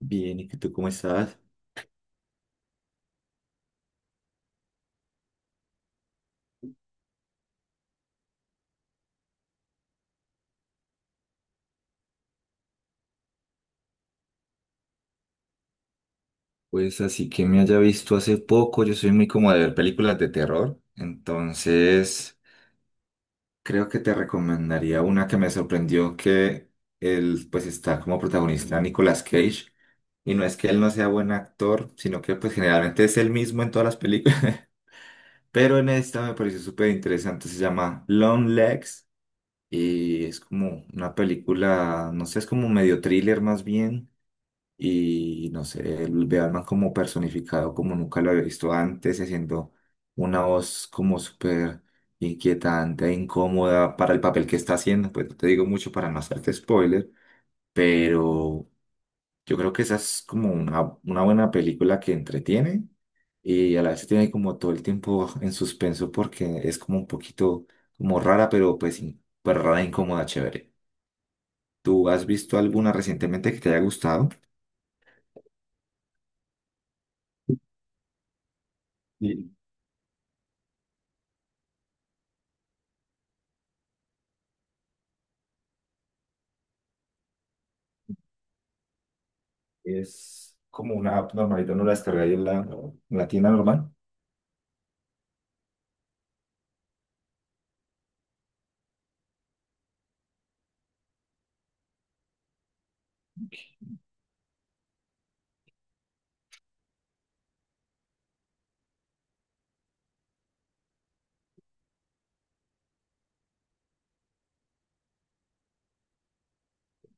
Bien, ¿y que tú cómo estás? Pues así que me haya visto hace poco, yo soy muy como de ver películas de terror, entonces creo que te recomendaría una que me sorprendió que él pues está como protagonista Nicolas Cage y no es que él no sea buen actor, sino que pues generalmente es el mismo en todas las películas, pero en esta me pareció súper interesante, se llama Long Legs y es como una película, no sé, es como medio thriller más bien. Y no sé, el Bearman como personificado como nunca lo había visto antes, haciendo una voz como súper inquietante, e incómoda para el papel que está haciendo, pues no te digo mucho para no hacerte spoiler, pero yo creo que esa es como una buena película que entretiene y a la vez tiene como todo el tiempo en suspenso porque es como un poquito como rara, pero pues, pues rara, e incómoda, chévere. ¿Tú has visto alguna recientemente que te haya gustado? Sí. Es como una app normalita, no la descargué ahí en la tienda normal.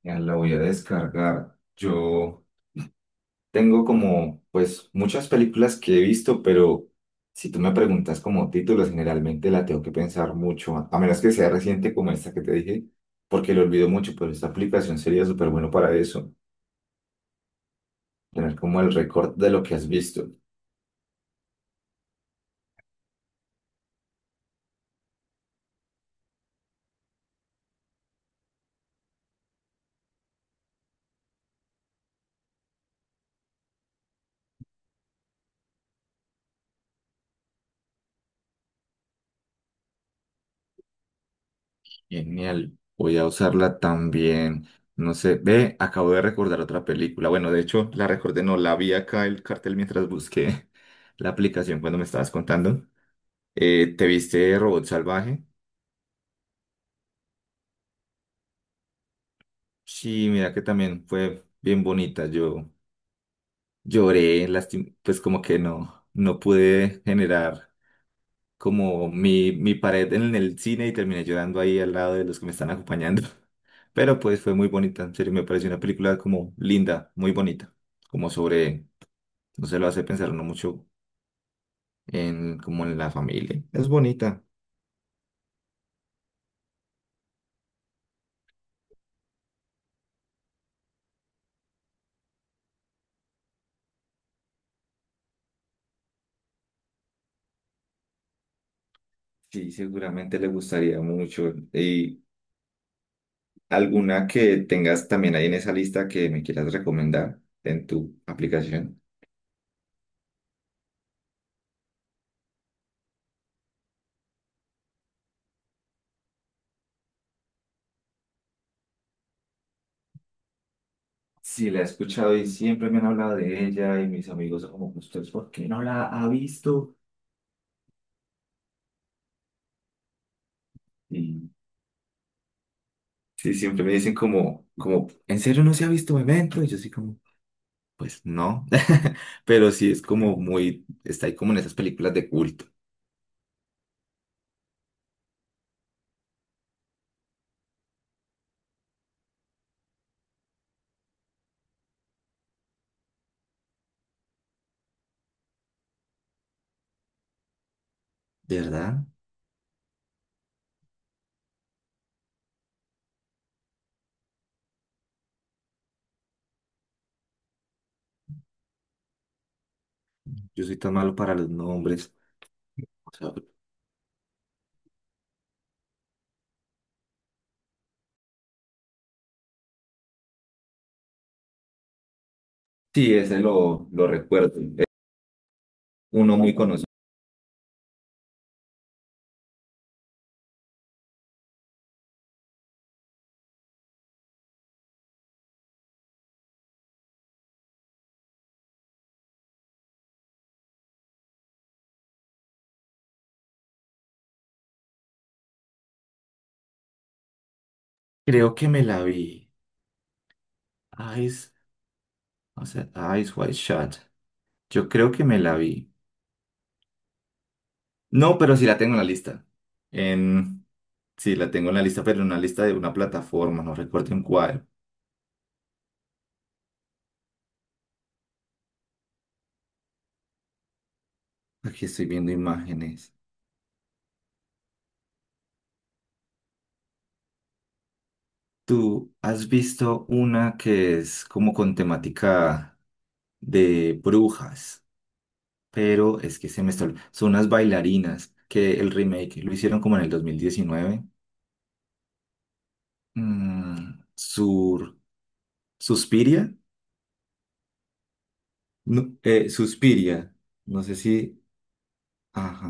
Ya la voy a descargar. Yo tengo como, pues, muchas películas que he visto, pero si tú me preguntas como títulos, generalmente la tengo que pensar mucho, a menos que sea reciente como esta que te dije, porque lo olvido mucho, pero esta aplicación sería súper bueno para eso, tener como el récord de lo que has visto. Genial, voy a usarla también. No sé, ve, acabo de recordar otra película. Bueno, de hecho, la recordé, no, la vi acá el cartel mientras busqué la aplicación cuando me estabas contando. ¿Te viste Robot Salvaje? Sí, mira que también fue bien bonita. Yo lloré, pues como que no, no pude generar como mi pared en el cine y terminé llorando ahí al lado de los que me están acompañando. Pero pues fue muy bonita, en serio, me pareció una película como linda, muy bonita, como sobre, no se lo hace pensar uno mucho en como en la familia. Es bonita. Sí, seguramente le gustaría mucho. ¿Y alguna que tengas también ahí en esa lista que me quieras recomendar en tu aplicación? Sí, la he escuchado y siempre me han hablado de ella y mis amigos son como, ¿usted por qué no la ha visto? Y sí, siempre me dicen como, ¿en serio no se ha visto Memento? Y yo así como, pues no. Pero sí es como muy, está ahí como en esas películas de culto. ¿De verdad? Yo soy tan malo para los nombres. O sea, sí, ese lo recuerdo. Es uno muy conocido. Creo que me la vi. Eyes, o sea, Eyes Wide Shut. Yo creo que me la vi. No, pero sí la tengo en la lista. En, sí, la tengo en la lista, pero en una lista de una plataforma, no recuerdo en cuál. Aquí estoy viendo imágenes. ¿Tú has visto una que es como con temática de brujas? Pero es que se me está... Son unas bailarinas que el remake lo hicieron como en el 2019. Mm, sur... ¿Suspiria? No, Suspiria. No sé si... Ajá.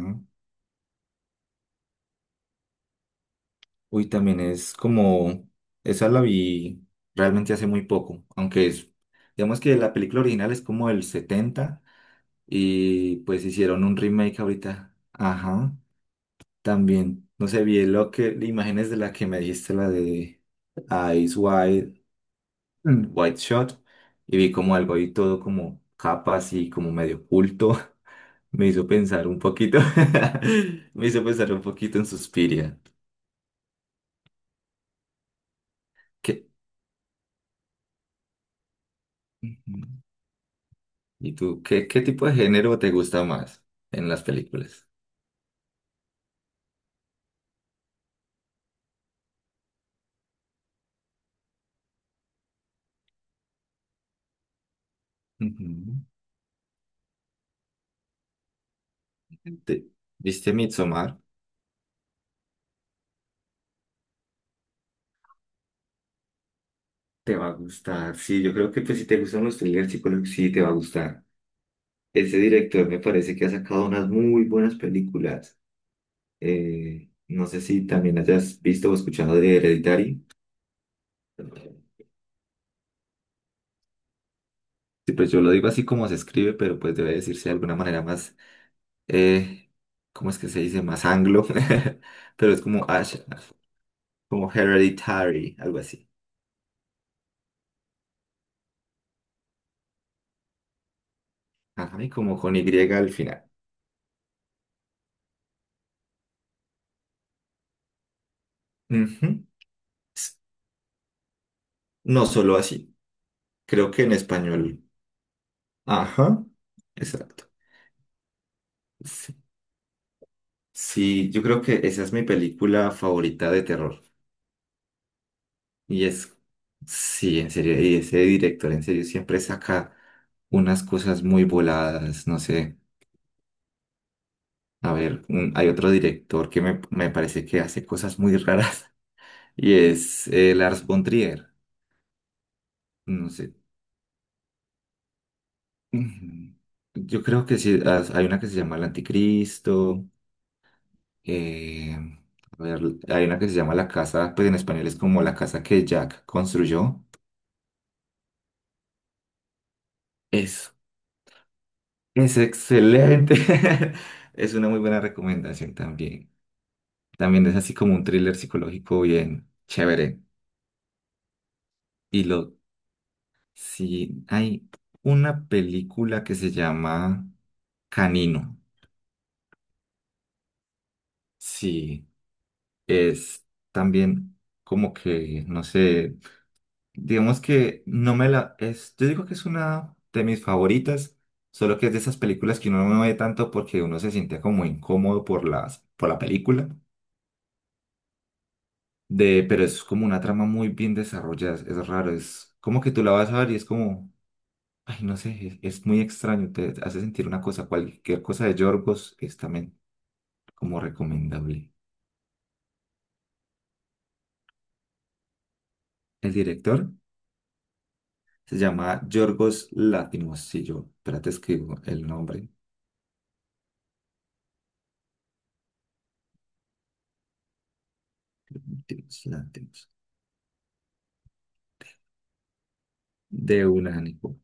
Uy, también es como... Esa la vi realmente hace muy poco. Aunque es... Digamos que la película original es como el 70 y pues hicieron un remake ahorita. Ajá. También, no sé, vi lo que, imágenes de la que me dijiste, la de Eyes Wide, Wide Shot, y vi como algo ahí todo como capas y como medio oculto. Me hizo pensar un poquito, me hizo pensar un poquito en Suspiria. ¿Qué? Ujú. ¿Y tú, qué, tipo de género te gusta más en las películas? Ujú. ¿Te- ¿Viste Midsommar? Te va a gustar, sí, yo creo que pues si te gustan los thrillers psicológicos, sí te va a gustar. Ese director me parece que ha sacado unas muy buenas películas. No sé si también hayas visto o escuchado de Hereditary. Sí, pues yo lo digo así como se escribe, pero pues debe decirse de alguna manera más, eh, ¿cómo es que se dice? Más anglo, pero es como Ash, como Hereditary, algo así. Ajá, y como con Y al final. Ujú. S- No solo así, creo que en español. Ajá, exacto. Sí. Sí, yo creo que esa es mi película favorita de terror. Y es, sí, en serio, y ese director en serio siempre saca unas cosas muy voladas, no sé. A ver, hay otro director que me parece que hace cosas muy raras y es Lars von Trier. No sé. Ujú. Yo creo que sí, hay una que se llama El Anticristo. eh, a ver, hay una que se llama La Casa, pues en español es como La Casa que Jack construyó. Es excelente. Es una muy buena recomendación también. También es así como un thriller psicológico bien chévere. Y lo, sí, hay una película que se llama Canino. Sí, es también como que, no sé, digamos que no me la, es, yo digo que es una de mis favoritas, solo que es de esas películas que uno no ve tanto porque uno se siente como incómodo por por la película de, pero es como una trama muy bien desarrollada, es, raro, es como que tú la vas a ver y es como, ay, no sé, es muy extraño, te hace sentir una cosa, cualquier cosa de Yorgos es también como recomendable. El director se llama Yorgos Látimos, si yo, espérate, escribo el nombre, Látimos, Látimos, de un ánimo.